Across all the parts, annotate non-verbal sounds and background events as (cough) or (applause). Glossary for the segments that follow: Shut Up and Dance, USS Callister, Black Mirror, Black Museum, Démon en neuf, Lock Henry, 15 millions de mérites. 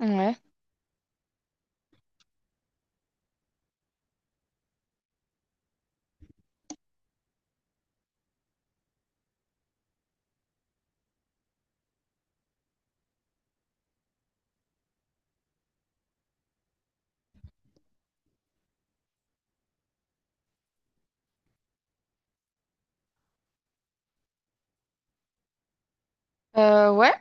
Ouais. Ouais.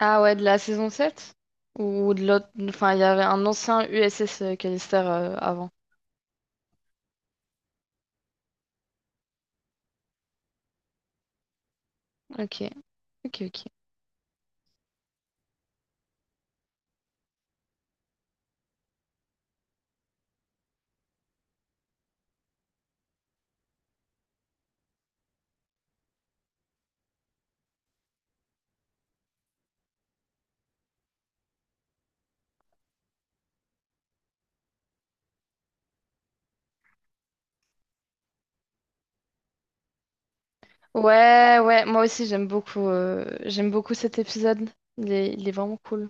Ah ouais, de la saison sept, ou de l'autre. Enfin, il y avait un ancien USS Callister avant. Ok, ok, ok. Ouais, ouais, moi aussi j'aime beaucoup, cet épisode. Il est vraiment cool.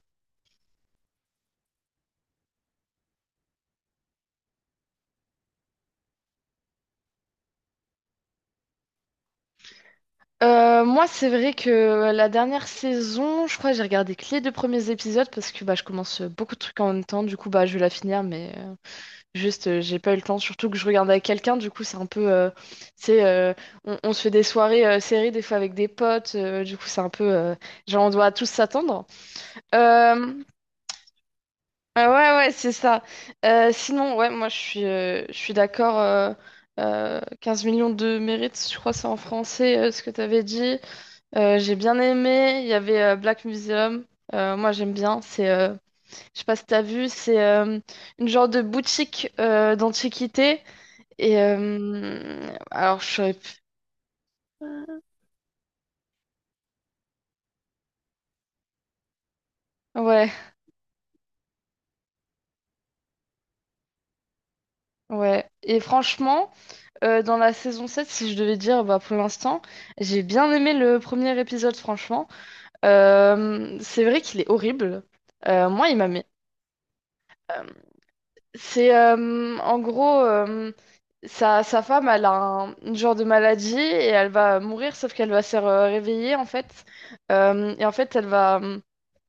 Moi, c'est vrai que la dernière saison, je crois que j'ai regardé que les deux premiers épisodes parce que bah, je commence beaucoup de trucs en même temps. Du coup, bah, je vais la finir, mais juste j'ai pas eu le temps, surtout que je regarde avec quelqu'un, du coup, c'est un peu. C'est, euh, on se fait des soirées séries, des fois avec des potes, du coup, c'est un peu. Genre, on doit tous s'attendre. Euh, ah ouais, ouais, c'est ça. Sinon, ouais, moi, je suis d'accord. 15 millions de mérites, je crois, c'est en français, ce que t'avais dit. J'ai bien aimé. Il y avait Black Museum. Moi, j'aime bien. Je sais pas si t'as vu, c'est une genre de boutique d'antiquité. Et alors, ouais, ouais. Et franchement, dans la saison sept, si je devais dire, bah, pour l'instant, j'ai bien aimé le premier épisode, franchement. C'est vrai qu'il est horrible. Moi, il m'a mis. Euh, c'est en gros, sa, sa femme, elle a un une genre de maladie et elle va mourir, sauf qu'elle va se réveiller, en fait. Et en fait, elle va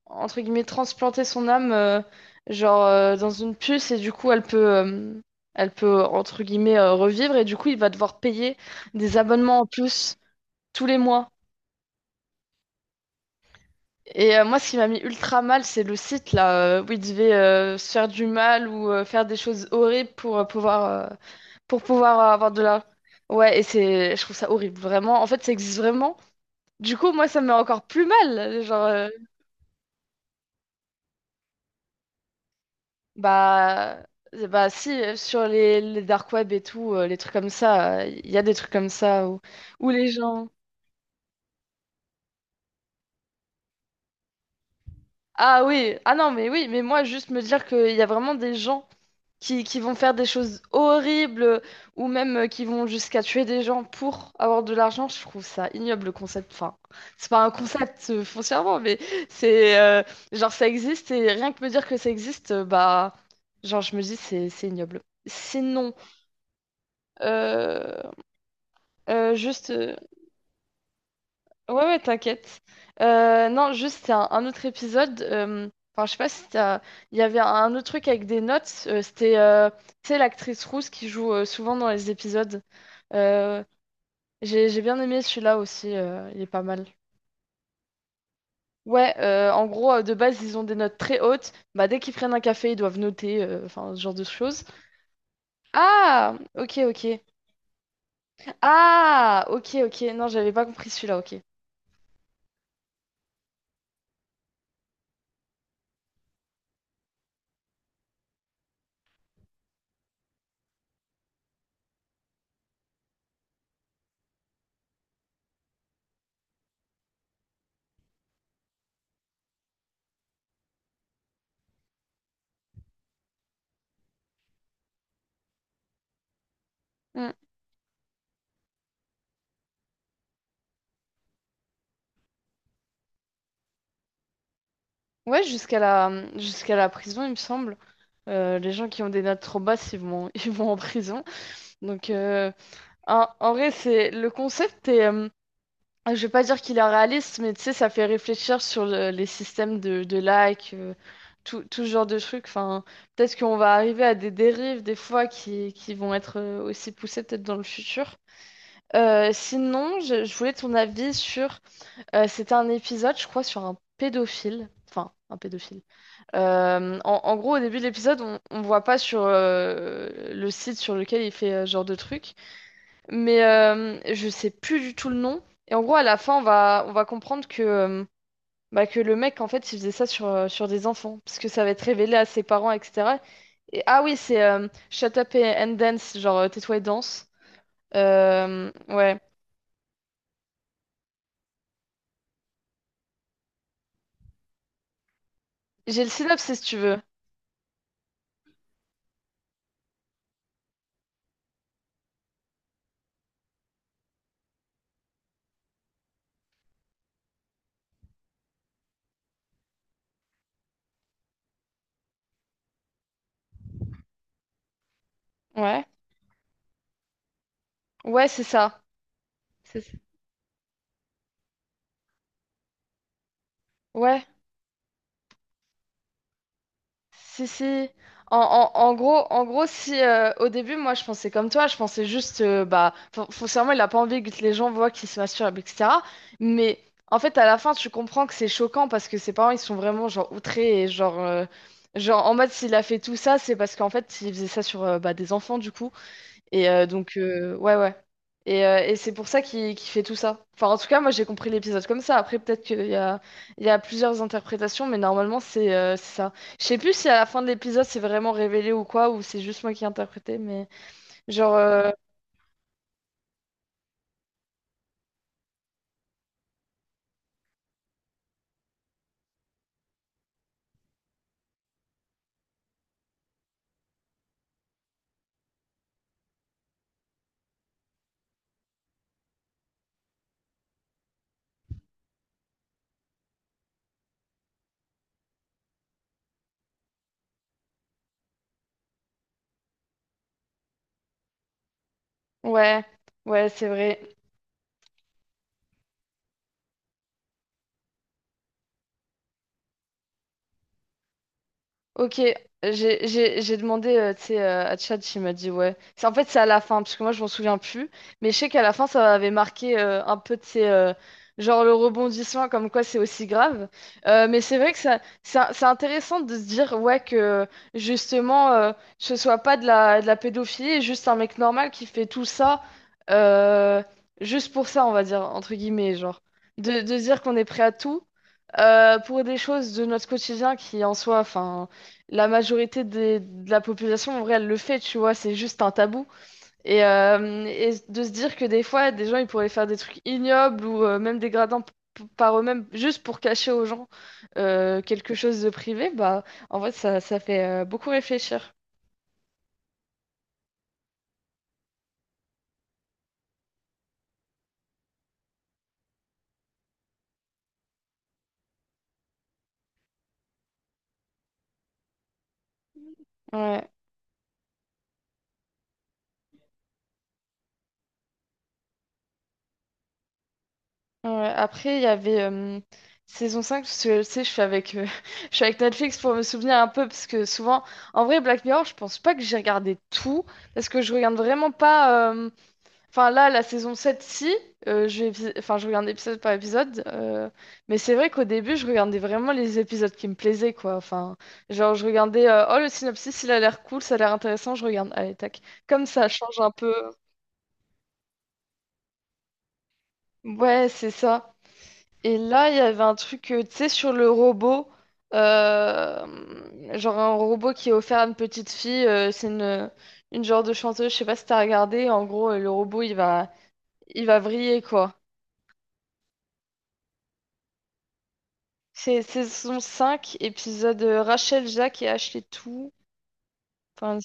entre guillemets, transplanter son âme, dans une puce, et du coup, elle peut, entre guillemets, revivre, et du coup, il va devoir payer des abonnements en plus tous les mois. Et moi, ce qui m'a mis ultra mal, c'est le site, là, où il devait se faire du mal ou faire des choses horribles pour euh, pour pouvoir avoir de la. Ouais, et je trouve ça horrible, vraiment. En fait, ça existe vraiment. Du coup, moi, ça me met encore plus mal. Genre, euh, Bah, euh, bah, si, sur les dark web et tout, les trucs comme ça, il y a des trucs comme ça où les gens. Ah oui, ah non, mais oui, mais moi, juste me dire qu'il y a vraiment des gens qui vont faire des choses horribles ou même qui vont jusqu'à tuer des gens pour avoir de l'argent, je trouve ça ignoble le concept. Enfin, c'est pas un concept foncièrement, mais c'est... euh, ça existe et rien que me dire que ça existe, bah. Genre, je me dis, c'est ignoble. Sinon. Euh, juste, ouais, ouais, t'inquiète. Non, juste, c'est un autre épisode. Enfin je sais pas si t'as. Il y avait un autre truc avec des notes. C'était tu sais, l'actrice rousse qui joue souvent dans les épisodes. Euh, j'ai bien aimé celui-là aussi. Il est pas mal. Ouais, en gros, de base, ils ont des notes très hautes. Bah, dès qu'ils prennent un café, ils doivent noter, enfin, ce genre de choses. Ah, ok, ok. Ah, ok, ok. Non, j'avais pas compris celui-là, ok. Hmm. Ouais, jusqu'à la prison, il me semble. Les gens qui ont des notes trop basses, ils vont, (laughs) ils vont en prison. Donc, en vrai, c'est le concept est, je vais pas dire qu'il est réaliste, mais tu sais, ça fait réfléchir sur les systèmes de likes, tout ce genre de trucs. Enfin, peut-être qu'on va arriver à des dérives des fois qui vont être aussi poussées peut-être dans le futur. Sinon, je voulais ton avis sur. C'était un épisode, je crois, sur un pédophile. Enfin, un pédophile. En gros, au début de l'épisode, on voit pas sur le site sur lequel il fait ce genre de truc, mais je sais plus du tout le nom. Et en gros, à la fin, on va comprendre que, bah, que le mec, en fait, il faisait ça sur des enfants, parce que ça va être révélé à ses parents, etc. Et ah oui, c'est Shut Up and Dance, genre tais-toi et danse. Ouais. J'ai le synopsis si tu veux. Ouais. Ouais, c'est ça. C'est ça. Ouais. Si, si. En gros, si au début, moi, je pensais comme toi, je pensais juste, bah, foncièrement, il a pas envie que les gens voient qu'il se masturbe, etc. Mais en fait, à la fin, tu comprends que c'est choquant parce que ses parents, ils sont vraiment, genre, outrés et genre, en mode, s'il a fait tout ça, c'est parce qu'en fait, il faisait ça sur bah, des enfants, du coup. Et donc, ouais, ouais. Et c'est pour ça qu'il fait tout ça. Enfin, en tout cas, moi, j'ai compris l'épisode comme ça. Après, peut-être qu'il y a plusieurs interprétations, mais normalement, c'est ça. Je sais plus si à la fin de l'épisode, c'est vraiment révélé ou quoi, ou c'est juste moi qui ai interprété, mais genre, euh, ouais, ouais, c'est vrai. Ok, j'ai demandé tu sais, à Tchad, il m'a dit ouais. En fait, c'est à la fin, parce que moi, je m'en souviens plus. Mais je sais qu'à la fin, ça avait marqué un peu, de ces genre le rebondissement, comme quoi c'est aussi grave. Mais c'est vrai que ça, c'est intéressant de se dire, ouais, que justement, ce soit pas de la pédophilie, juste un mec normal qui fait tout ça, euh, juste pour ça, on va dire, entre guillemets, genre. De dire qu'on est prêt à tout. Pour des choses de notre quotidien qui en soi, enfin, la majorité de la population en vrai, elle le fait, tu vois, c'est juste un tabou. Et de se dire que des fois, des gens, ils pourraient faire des trucs ignobles ou même dégradants par eux-mêmes, juste pour cacher aux gens quelque chose de privé, bah, en fait, ça fait beaucoup réfléchir. Ouais. Ouais, après, il y avait saison 5 parce que tu sais, je suis avec, (laughs) je suis avec Netflix pour me souvenir un peu, parce que souvent, en vrai, Black Mirror, je pense pas que j'ai regardé tout, parce que je regarde vraiment pas. Enfin là, la saison sept, si, enfin, je regarde épisode par épisode, mais c'est vrai qu'au début, je regardais vraiment les épisodes qui me plaisaient, quoi. Enfin, genre, je regardais, oh, le synopsis, il a l'air cool, ça a l'air intéressant, je regarde, allez, tac. Comme ça change un peu. Ouais, c'est ça. Et là, il y avait un truc, tu sais, sur le robot. Genre un robot qui est offert à une petite fille. C'est une genre de chanteuse. Je sais pas si t'as regardé. En gros, le robot, il va vriller, quoi. C'est saison 5 épisode Rachel, Jacques et Ashley tout. Enfin.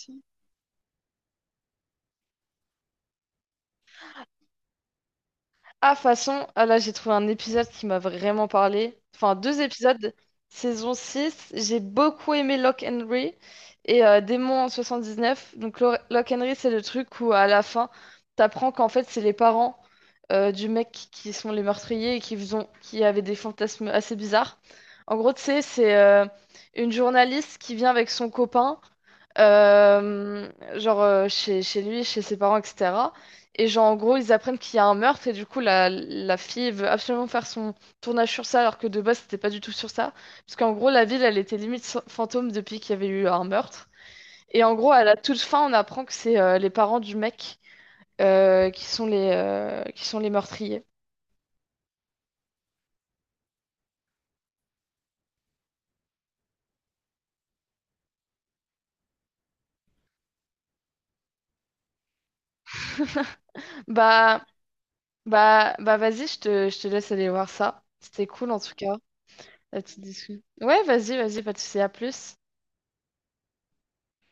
Ah, façon, ah là, j'ai trouvé un épisode qui m'a vraiment parlé. Enfin, deux épisodes, saison six. J'ai beaucoup aimé Lock Henry et Démon en neuf. Donc, Lock Henry, c'est le truc où, à la fin, t'apprends qu'en fait, c'est les parents du mec qui sont les meurtriers et qui avaient des fantasmes assez bizarres. En gros, tu sais, c'est une journaliste qui vient avec son copain, euh, chez lui, chez ses parents, etc. Et genre, en gros, ils apprennent qu'il y a un meurtre et du coup, la fille veut absolument faire son tournage sur ça alors que de base, c'était pas du tout sur ça. Parce qu'en gros, la ville, elle était limite fantôme depuis qu'il y avait eu un meurtre. Et en gros, à la toute fin, on apprend que c'est les parents du mec qui sont les meurtriers. Bah, bah, vas-y, je te laisse aller voir ça. C'était cool en tout cas, la petite discussion. Ouais, vas-y, vas-y, pas de soucis, à plus.